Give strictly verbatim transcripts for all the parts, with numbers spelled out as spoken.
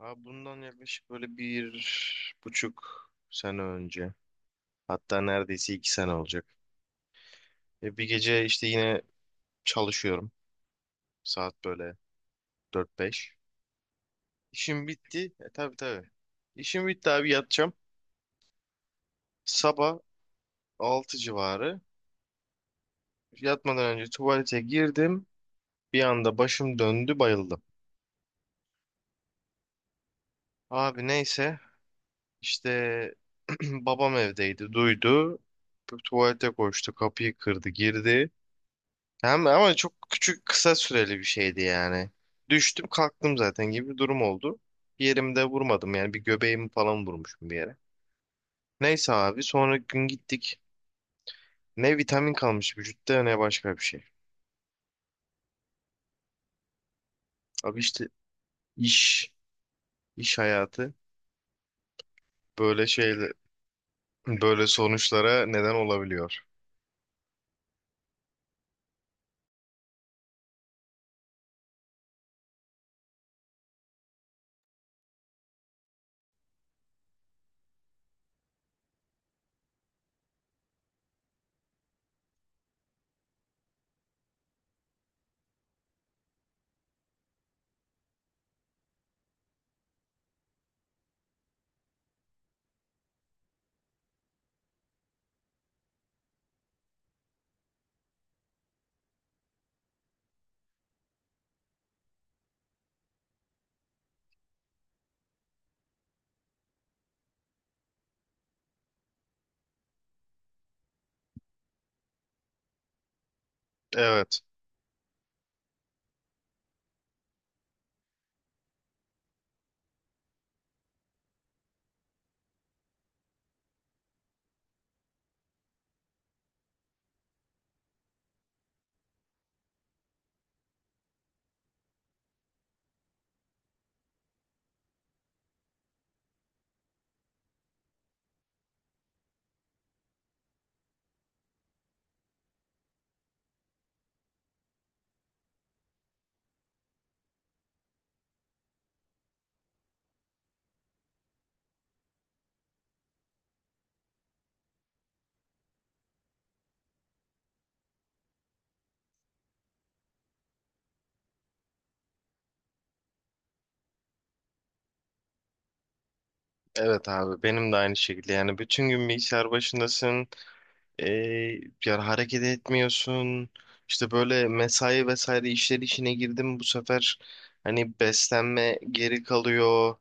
Abi bundan yaklaşık böyle bir buçuk sene önce. Hatta neredeyse iki sene olacak. E bir gece işte yine çalışıyorum. Saat böyle dört beş. İşim bitti. E tabii, tabii. İşim bitti abi, yatacağım. Sabah altı civarı. Yatmadan önce tuvalete girdim. Bir anda başım döndü, bayıldım. Abi neyse işte babam evdeydi, duydu. Tuvalete koştu, kapıyı kırdı, girdi. Hem ama çok küçük, kısa süreli bir şeydi yani. Düştüm kalktım zaten gibi bir durum oldu. Bir yerimde vurmadım yani, bir göbeğimi falan vurmuşum bir yere. Neyse abi sonra gün gittik. Ne vitamin kalmış vücutta, ne başka bir şey. Abi işte iş, iş hayatı böyle şeyle böyle sonuçlara neden olabiliyor. Evet. Evet abi, benim de aynı şekilde, yani bütün gün bilgisayar başındasın. E, Yani hareket etmiyorsun. İşte böyle mesai vesaire işleri içine girdim bu sefer, hani beslenme geri kalıyor.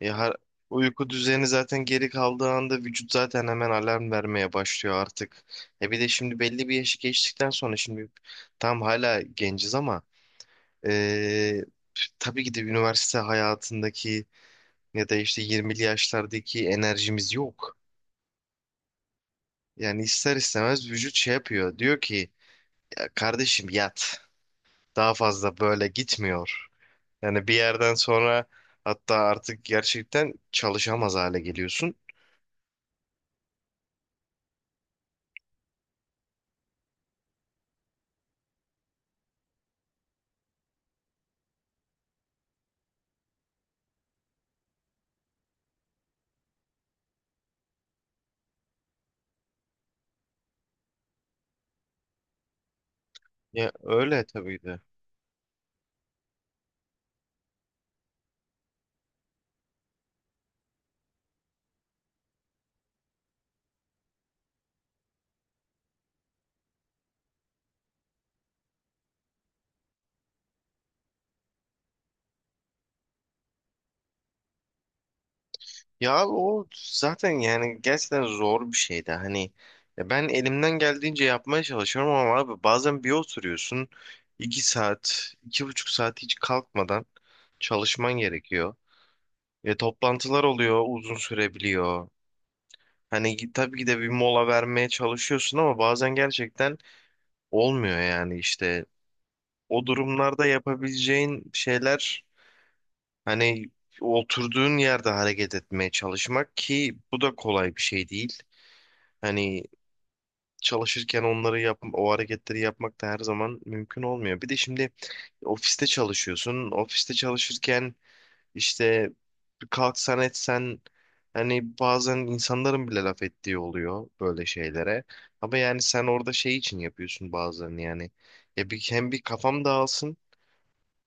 E, har- Uyku düzeni zaten geri kaldığı anda vücut zaten hemen alarm vermeye başlıyor artık. E bir de şimdi belli bir yaşı geçtikten sonra şimdi tam hala genciz ama e, tabii ki de üniversite hayatındaki ya da işte yirmili yaşlardaki enerjimiz yok. Yani ister istemez vücut şey yapıyor. Diyor ki kardeşim yat. Daha fazla böyle gitmiyor. Yani bir yerden sonra hatta artık gerçekten çalışamaz hale geliyorsun. Ya öyle, tabii de. Ya o zaten yani gerçekten zor bir şeydi. Hani ya ben elimden geldiğince yapmaya çalışıyorum ama abi bazen bir oturuyorsun iki saat, iki buçuk saat hiç kalkmadan çalışman gerekiyor. Ve toplantılar oluyor, uzun sürebiliyor. Hani gi- tabii ki de bir mola vermeye çalışıyorsun ama bazen gerçekten olmuyor yani, işte o durumlarda yapabileceğin şeyler hani oturduğun yerde hareket etmeye çalışmak, ki bu da kolay bir şey değil. Hani çalışırken onları yap, o hareketleri yapmak da her zaman mümkün olmuyor. Bir de şimdi ofiste çalışıyorsun. Ofiste çalışırken işte kalksan etsen, hani bazen insanların bile laf ettiği oluyor böyle şeylere. Ama yani sen orada şey için yapıyorsun bazen yani. Ya bir, hem bir kafam dağılsın,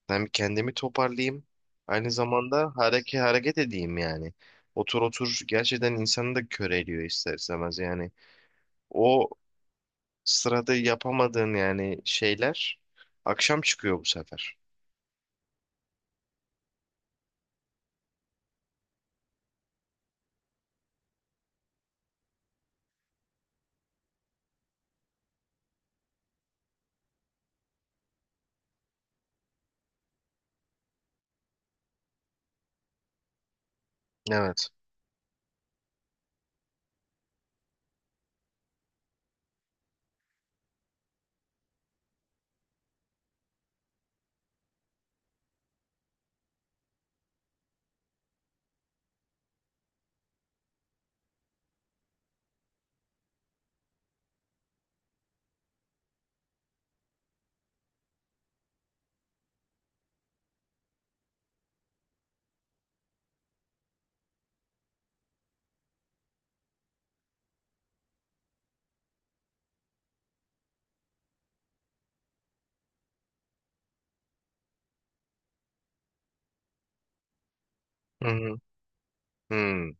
ben bir kendimi toparlayayım. Aynı zamanda hareket hareket edeyim yani. Otur otur gerçekten insanı da köreliyor ister istemez yani. O sırada yapamadığın yani şeyler akşam çıkıyor bu sefer. Evet. Hı hı. Hı.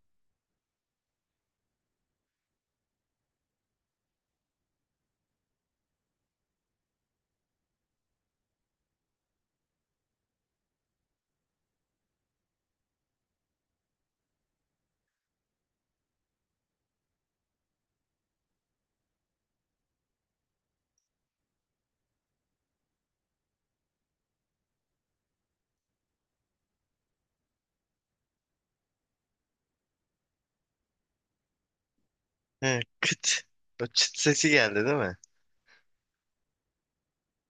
He, kıt. O çıt sesi geldi değil mi?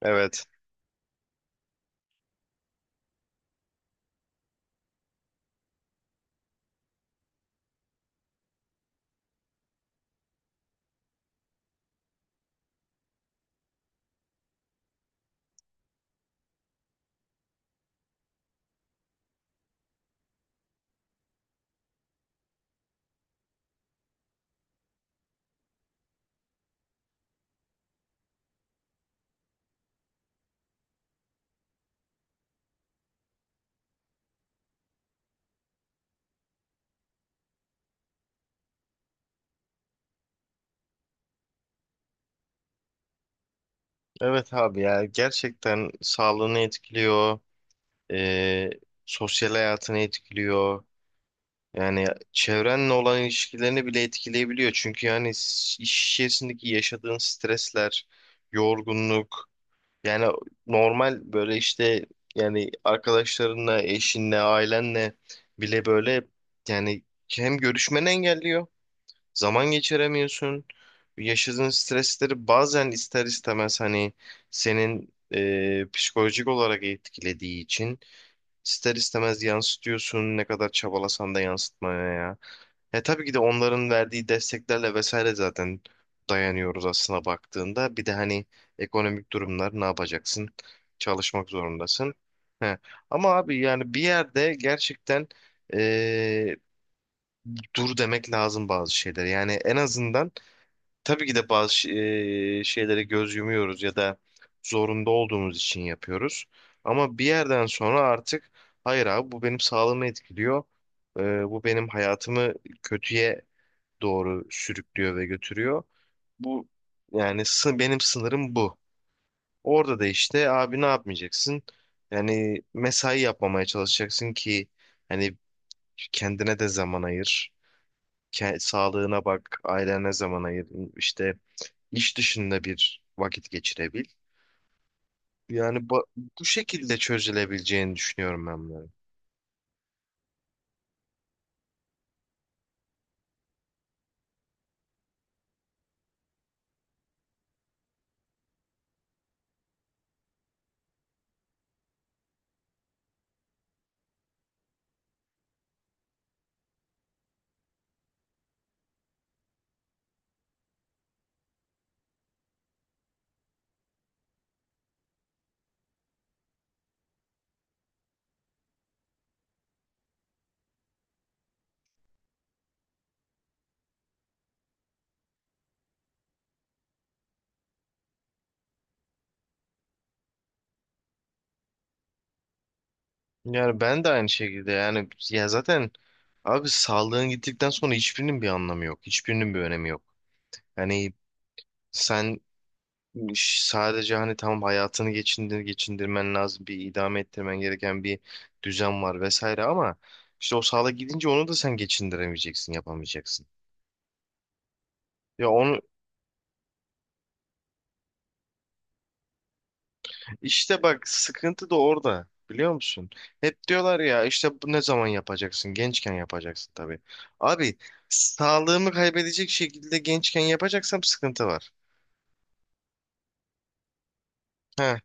Evet. Evet abi, ya gerçekten sağlığını etkiliyor. Ee, Sosyal hayatını etkiliyor. Yani çevrenle olan ilişkilerini bile etkileyebiliyor. Çünkü yani s- iş içerisindeki yaşadığın stresler, yorgunluk, yani normal böyle işte yani arkadaşlarınla, eşinle, ailenle bile böyle yani hem görüşmeni engelliyor, zaman geçiremiyorsun. Yaşadığın stresleri bazen ister istemez hani senin e, psikolojik olarak etkilediği için ister istemez yansıtıyorsun ne kadar çabalasan da yansıtmaya ya. E tabii ki de onların verdiği desteklerle vesaire zaten dayanıyoruz aslına baktığında. Bir de hani ekonomik durumlar, ne yapacaksın? Çalışmak zorundasın. He. Ama abi yani bir yerde gerçekten e, dur demek lazım bazı şeyler. Yani en azından tabii ki de bazı şi- eee, şeylere göz yumuyoruz ya da zorunda olduğumuz için yapıyoruz. Ama bir yerden sonra artık hayır abi, bu benim sağlığımı etkiliyor. Eee, Bu benim hayatımı kötüye doğru sürüklüyor ve götürüyor. Bu yani sı- benim sınırım bu. Orada da işte abi ne yapmayacaksın? Yani mesai yapmamaya çalışacaksın ki hani kendine de zaman ayır. Ke- sağlığına bak, ailene zaman ayır. İşte İş dışında bir vakit geçirebil. Yani ba- bu şekilde çözülebileceğini düşünüyorum ben bunların. Yani ben de aynı şekilde yani, ya zaten abi sağlığın gittikten sonra hiçbirinin bir anlamı yok. Hiçbirinin bir önemi yok. Yani sen ş- sadece hani tamam, hayatını geçindir, geçindirmen lazım. Bir idame ettirmen gereken bir düzen var vesaire ama işte o sağlık gidince onu da sen geçindiremeyeceksin, yapamayacaksın. Ya onu. İşte bak, sıkıntı da orada biliyor musun? Hep diyorlar ya işte, bu ne zaman yapacaksın? Gençken yapacaksın tabii. Abi sağlığımı kaybedecek şekilde gençken yapacaksam sıkıntı var. He.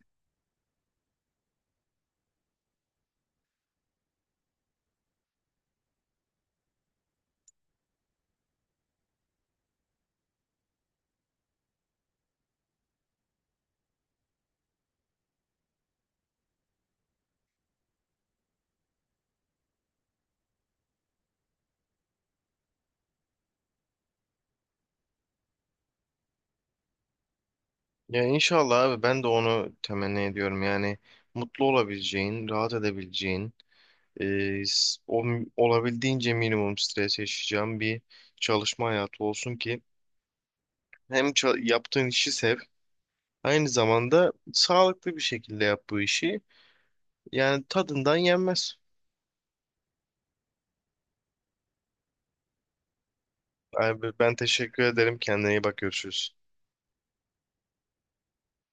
Ya inşallah abi, ben de onu temenni ediyorum. Yani mutlu olabileceğin, rahat edebileceğin, e, s- o, olabildiğince minimum stres yaşayacağın bir çalışma hayatı olsun ki hem ça- yaptığın işi sev, aynı zamanda sağlıklı bir şekilde yap bu işi. Yani tadından yenmez. Abi ben teşekkür ederim. Kendine iyi bak, görüşürüz.